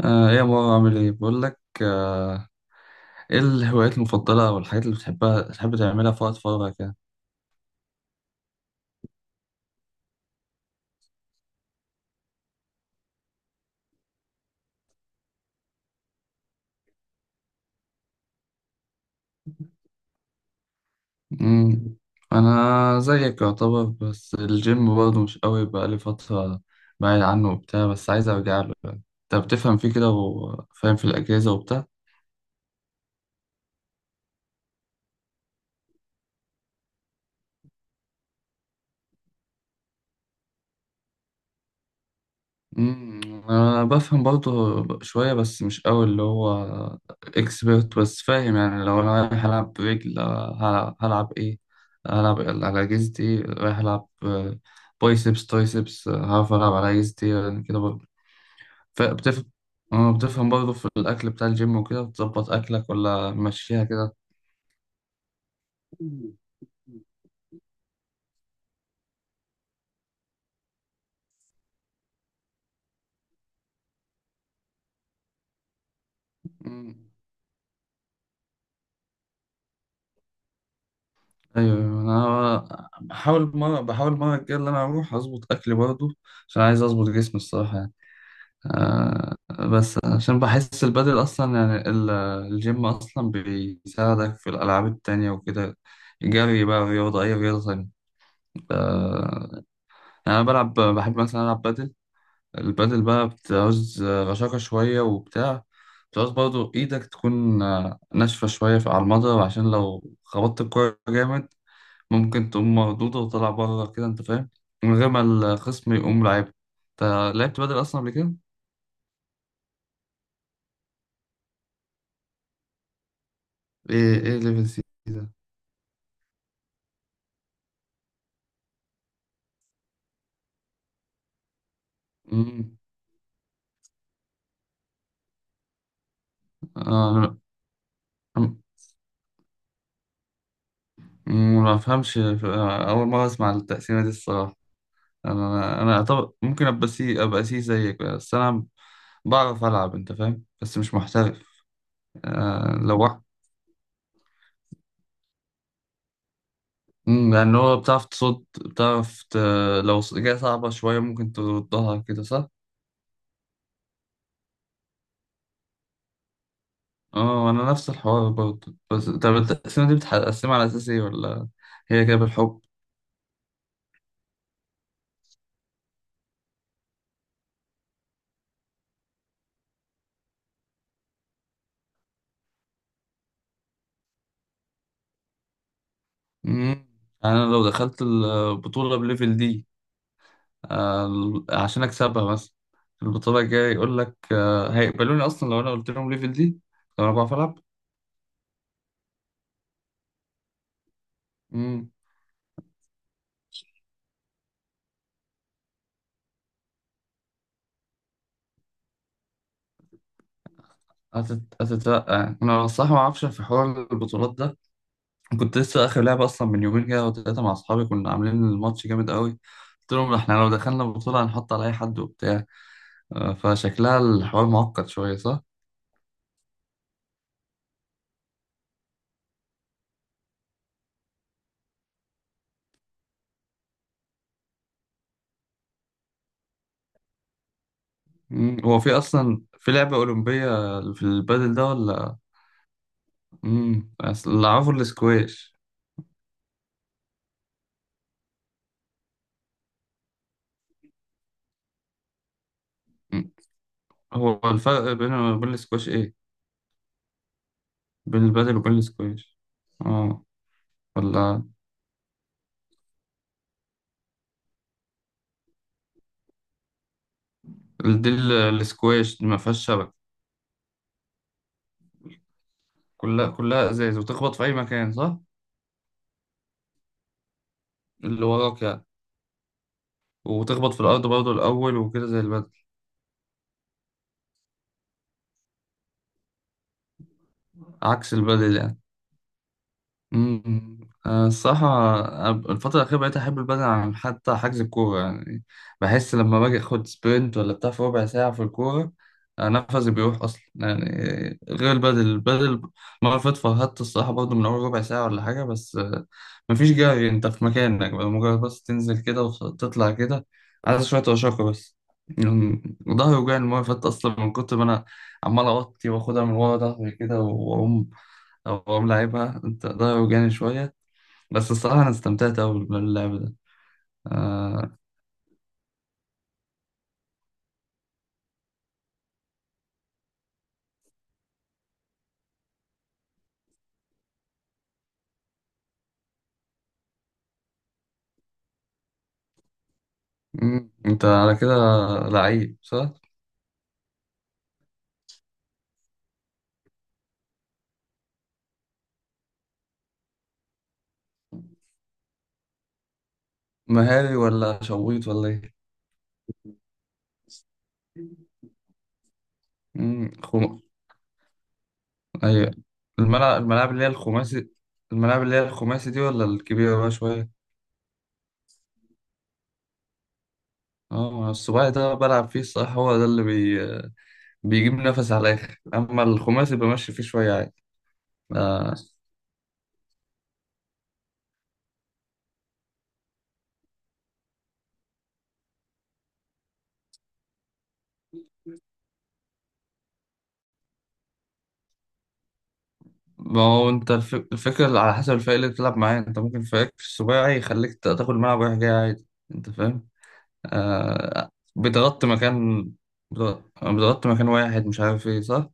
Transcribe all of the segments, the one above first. ايه يا مروة عامل ايه؟ بقول لك، ايه الهوايات المفضلة او الحاجات اللي بتحبها تحب تعملها في وقت فراغك يعني؟ مم. انا زيك يعتبر، بس الجيم برضه مش قوي بقالي فترة بعيد عنه وبتاع، بس عايز ارجع له يعني. انت بتفهم فيه كده وفاهم في الأجهزة وبتاع؟ مم، أنا بفهم برضه شوية بس مش أوي اللي هو إكسبرت، بس فاهم. يعني لو أنا رايح ألعب رجل، هلعب إيه؟ هلعب على جزتي إيه؟ رايح ألعب، بايسبس ترايسبس. هعرف ألعب على جزتي إيه يعني، كده برضه. فبتفهم، بتفهم برضه في الأكل بتاع الجيم وكده؟ بتظبط أكلك ولا ماشيها كده؟ مم. ايوه أيوة، انا بحاول مره، بحاول المره الجايه اللي انا اروح اظبط اكلي برضه، عشان عايز اظبط جسمي الصراحه يعني. آه، بس عشان بحس البدل أصلا يعني الجيم أصلا بيساعدك في الألعاب التانية وكده، جري بقى، رياضة، أي رياضة تانية. آه، يعني أنا بلعب، بحب مثلا ألعب بدل. البدل بقى بتعوز رشاقة شوية وبتاع، بتعوز برضو إيدك تكون ناشفة شوية على المضرب، عشان لو خبطت الكورة جامد ممكن تقوم مردودة وطلع بره كده، أنت فاهم، من غير ما الخصم يقوم لعيب. أنت لعبت بدل أصلا قبل كده؟ إيه إيه ليفل سي؟ مم. آه، أنا مم، ما بفهمش، أول مرة أسمع التقسيمة دي الصراحة. أنا أعتبر ممكن أبقى سي، أبقى سي زيك، بس أنا بعرف ألعب، أنت فاهم، بس مش محترف. آه، لو واحد. مم، يعني هو بتعرف تصد، بتعرف ت... لو جاية صعبة شوية ممكن تردها كده صح؟ اه، أنا نفس الحوار برضه. بس طب التقسيمة دي بتقسمها على أساس إيه؟ ولا هي كده بالحب؟ مم. يعني أنا لو دخلت البطولة بليفل دي، عشان اكسبها مثلا، في البطوله الجايه يقول لك هيقبلوني اصلا لو انا قلت لهم ليفل دي؟ لو انا بعرف العب. امم. هتترقى انا صح؟ ما اعرفش في حوار البطولات ده. كنت لسه اخر لعبه اصلا من يومين كده وثلاثه مع اصحابي، كنا عاملين الماتش جامد قوي. قلت لهم احنا لو دخلنا البطوله هنحط على اي حد وبتاع. فشكلها الحوار معقد شويه صح. مم. هو في اصلا في لعبه اولمبيه في البادل ده ولا؟ امم. اللي اعرفه السكواش. هو الفرق بين وبين السكواش ايه؟ بين البادل وبين السكواش؟ اه. ولا السكواش دي ما فيهاش شبكه؟ كلها ازاز وتخبط في اي مكان صح؟ اللي وراك يعني. وتخبط في الارض برضه الاول وكده زي البادل؟ عكس البادل يعني. أمم، الصراحة أنا الفترة الأخيرة بقيت أحب البدن عن حتى حجز الكورة يعني. بحس لما باجي أخد سبرنت ولا بتاع في ربع ساعة في الكورة، نفسي بيروح أصلا يعني. غير البدل، البدل مرة فاتت فرهدت الصراحة برضه من أول ربع ساعة ولا حاجة، بس مفيش جري، أنت في مكانك بقى، مجرد بس تنزل كده وتطلع كده، عايز شوية رشاقة بس يعني. ظهري وجعني المرة اللي فاتت أصلا من كتر ما أنا عمال أوطي وآخدها من ورا ظهري كده وأقوم، او هو ملاعبها انت ده وجعني شوية، بس الصراحة أنا استمتعت أوي باللعب ده. آه. مم. أنت على كده لعيب صح؟ مهاري ولا شويط ولا إيه؟ مم. خم... أيوة، الملعب، الملاعب اللي هي الخماسي، الملاعب اللي هي الخماسي دي ولا الكبيرة بقى شوية؟ اه، السباعي ده بلعب فيه الصراحة، هو ده اللي بي... بيجيب نفس على الآخر، أما الخماسي بمشي فيه شوية عادي. آه. ما هو انت الفكرة على حسب الفريق اللي بتلعب معاه، انت ممكن فريق السباعي يخليك تاخد الملعب رايح جاي عادي، انت فاهم. آه، بتغطي مكان، بتغطي مكان واحد مش عارف ايه صح.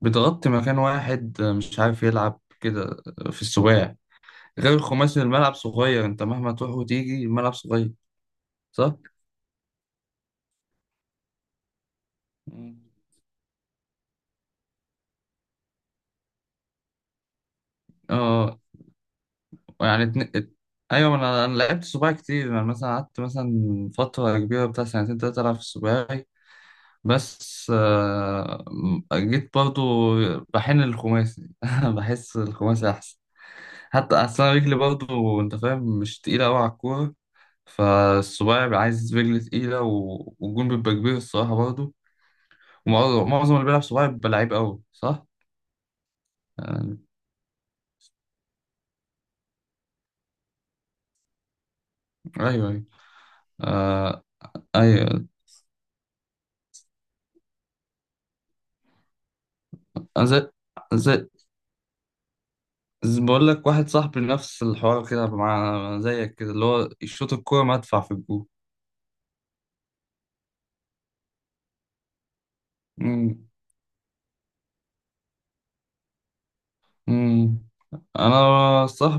بتغطي مكان واحد، مش عارف يلعب كده في السباعي، غير الخماسي الملعب صغير، انت مهما تروح وتيجي الملعب صغير. صح. مم. اه. يعني ايوه، ما انا لعبت سباعي كتير يعني، مثلا قعدت مثلا فترة كبيرة بتاع سنتين تلاتة العب في السباعي، بس جيت برضو بحن الخماسي، بحس الخماسي أحسن، حتى أحسن رجلي برضو أنت فاهم، مش تقيلة أوي على الكورة. فالصباعي بيبقى عايز رجل تقيلة، والجون بيبقى كبير الصراحة برضو، ومعظم معظم اللي بيلعب صباعي بيبقى لعيب أوي صح؟ يعني أيوه أيوه. آه، أيوه. أنا زي بقول لك، واحد صاحبي نفس الحوار كده مع زيك كده، اللي هو يشوط الكورة مدفع في الجون. مم. انا الصراحه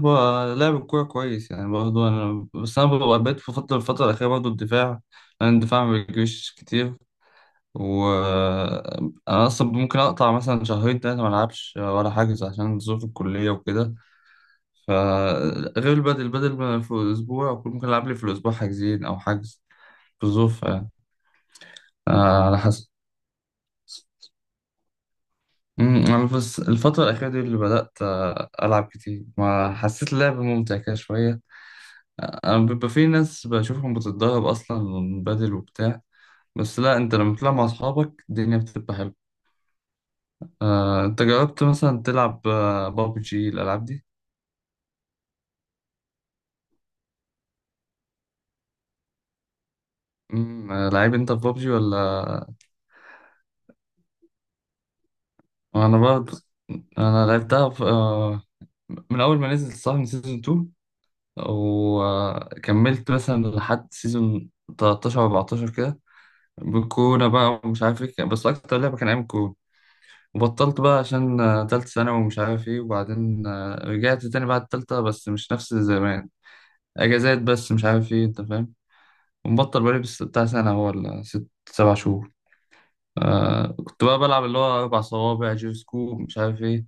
لاعب الكوره كويس يعني برضه انا، بس انا ببقى بقيت في فتره، الفتره الاخيره برضه الدفاع، لان الدفاع ما بيجريش كتير. وانا اصلا ممكن اقطع مثلا شهرين ثلاثه ما العبش ولا حاجز، عشان ظروف الكليه وكده. فغير البدل، البدل ما في الاسبوع أكون ممكن العب لي في الاسبوع حاجزين او حجز، في الظروف يعني، على حسب. مم، انا بس الفتره الاخيره دي اللي بدات العب كتير ما حسيت اللعب ممتع كده شويه. أنا بيبقى في ناس بشوفهم بتتدرب أصلا بدل وبتاع، بس لا، أنت لما تلعب مع أصحابك الدنيا بتبقى حلوة. أنت جربت مثلا تلعب بابجي الألعاب دي؟ مم، لعيب أنت في بابجي ولا؟ أنا برضه أنا لعبتها في... من أول ما نزلت صح، من سيزون 2، وكملت مثلا لحد سيزون 13 14 كده، بالكورونا بقى ومش عارف إيه، بس أكتر لعبة كان أيام الكورونا. وبطلت بقى عشان تالتة ثانوي ومش عارف ايه، وبعدين رجعت تاني بعد التالتة بس مش نفس زمان، اجازات بس مش عارف ايه انت فاهم. ومبطل بقالي بس بتاع سنة هو ولا ست سبع شهور. آه، كنت بقى بلعب اللي هو أربع صوابع جيرو سكوب مش عارف ايه.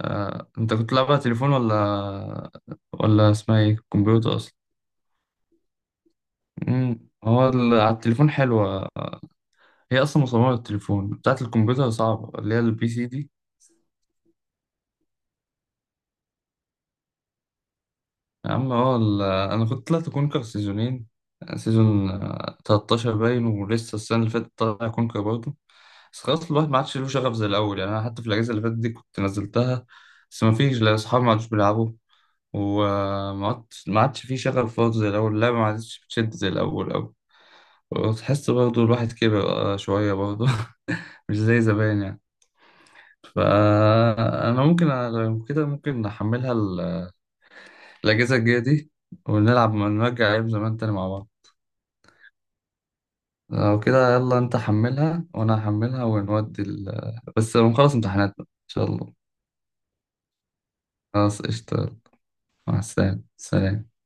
آه، انت كنت بتلعبها تليفون ولا، ولا اسمها ايه كمبيوتر اصلا؟ امم. هو على التليفون حلوة، هي اصلا مصممة للتليفون، بتاعة الكمبيوتر صعبة اللي هي البي سي دي. يا عم اه، انا كنت طلعت كونكر سيزونين، سيزون 13 باين، ولسه السنه اللي فاتت طالع كونكر برضه. بس خلاص، الواحد ما عادش له شغف زي الاول يعني، انا حتى في الاجازه اللي فاتت دي كنت نزلتها، بس ما فيش، لا اصحابي ما عادش بيلعبوا، وما عادش ما عادش في شغف برضه زي الاول، اللعبه ما عادش بتشد زي الاول أوي. وتحس برضه الواحد كبر شويه برضه، مش زي زمان يعني. فانا ممكن لو كده ممكن نحملها الاجازه الجايه دي ونلعب، نرجع ايام زمان تاني مع بعض. لو كده يلا، انت حملها وانا هحملها ونودي ال... بس نخلص امتحاناتنا ان شاء الله. خلاص قشطة. مع السلامة، سلام.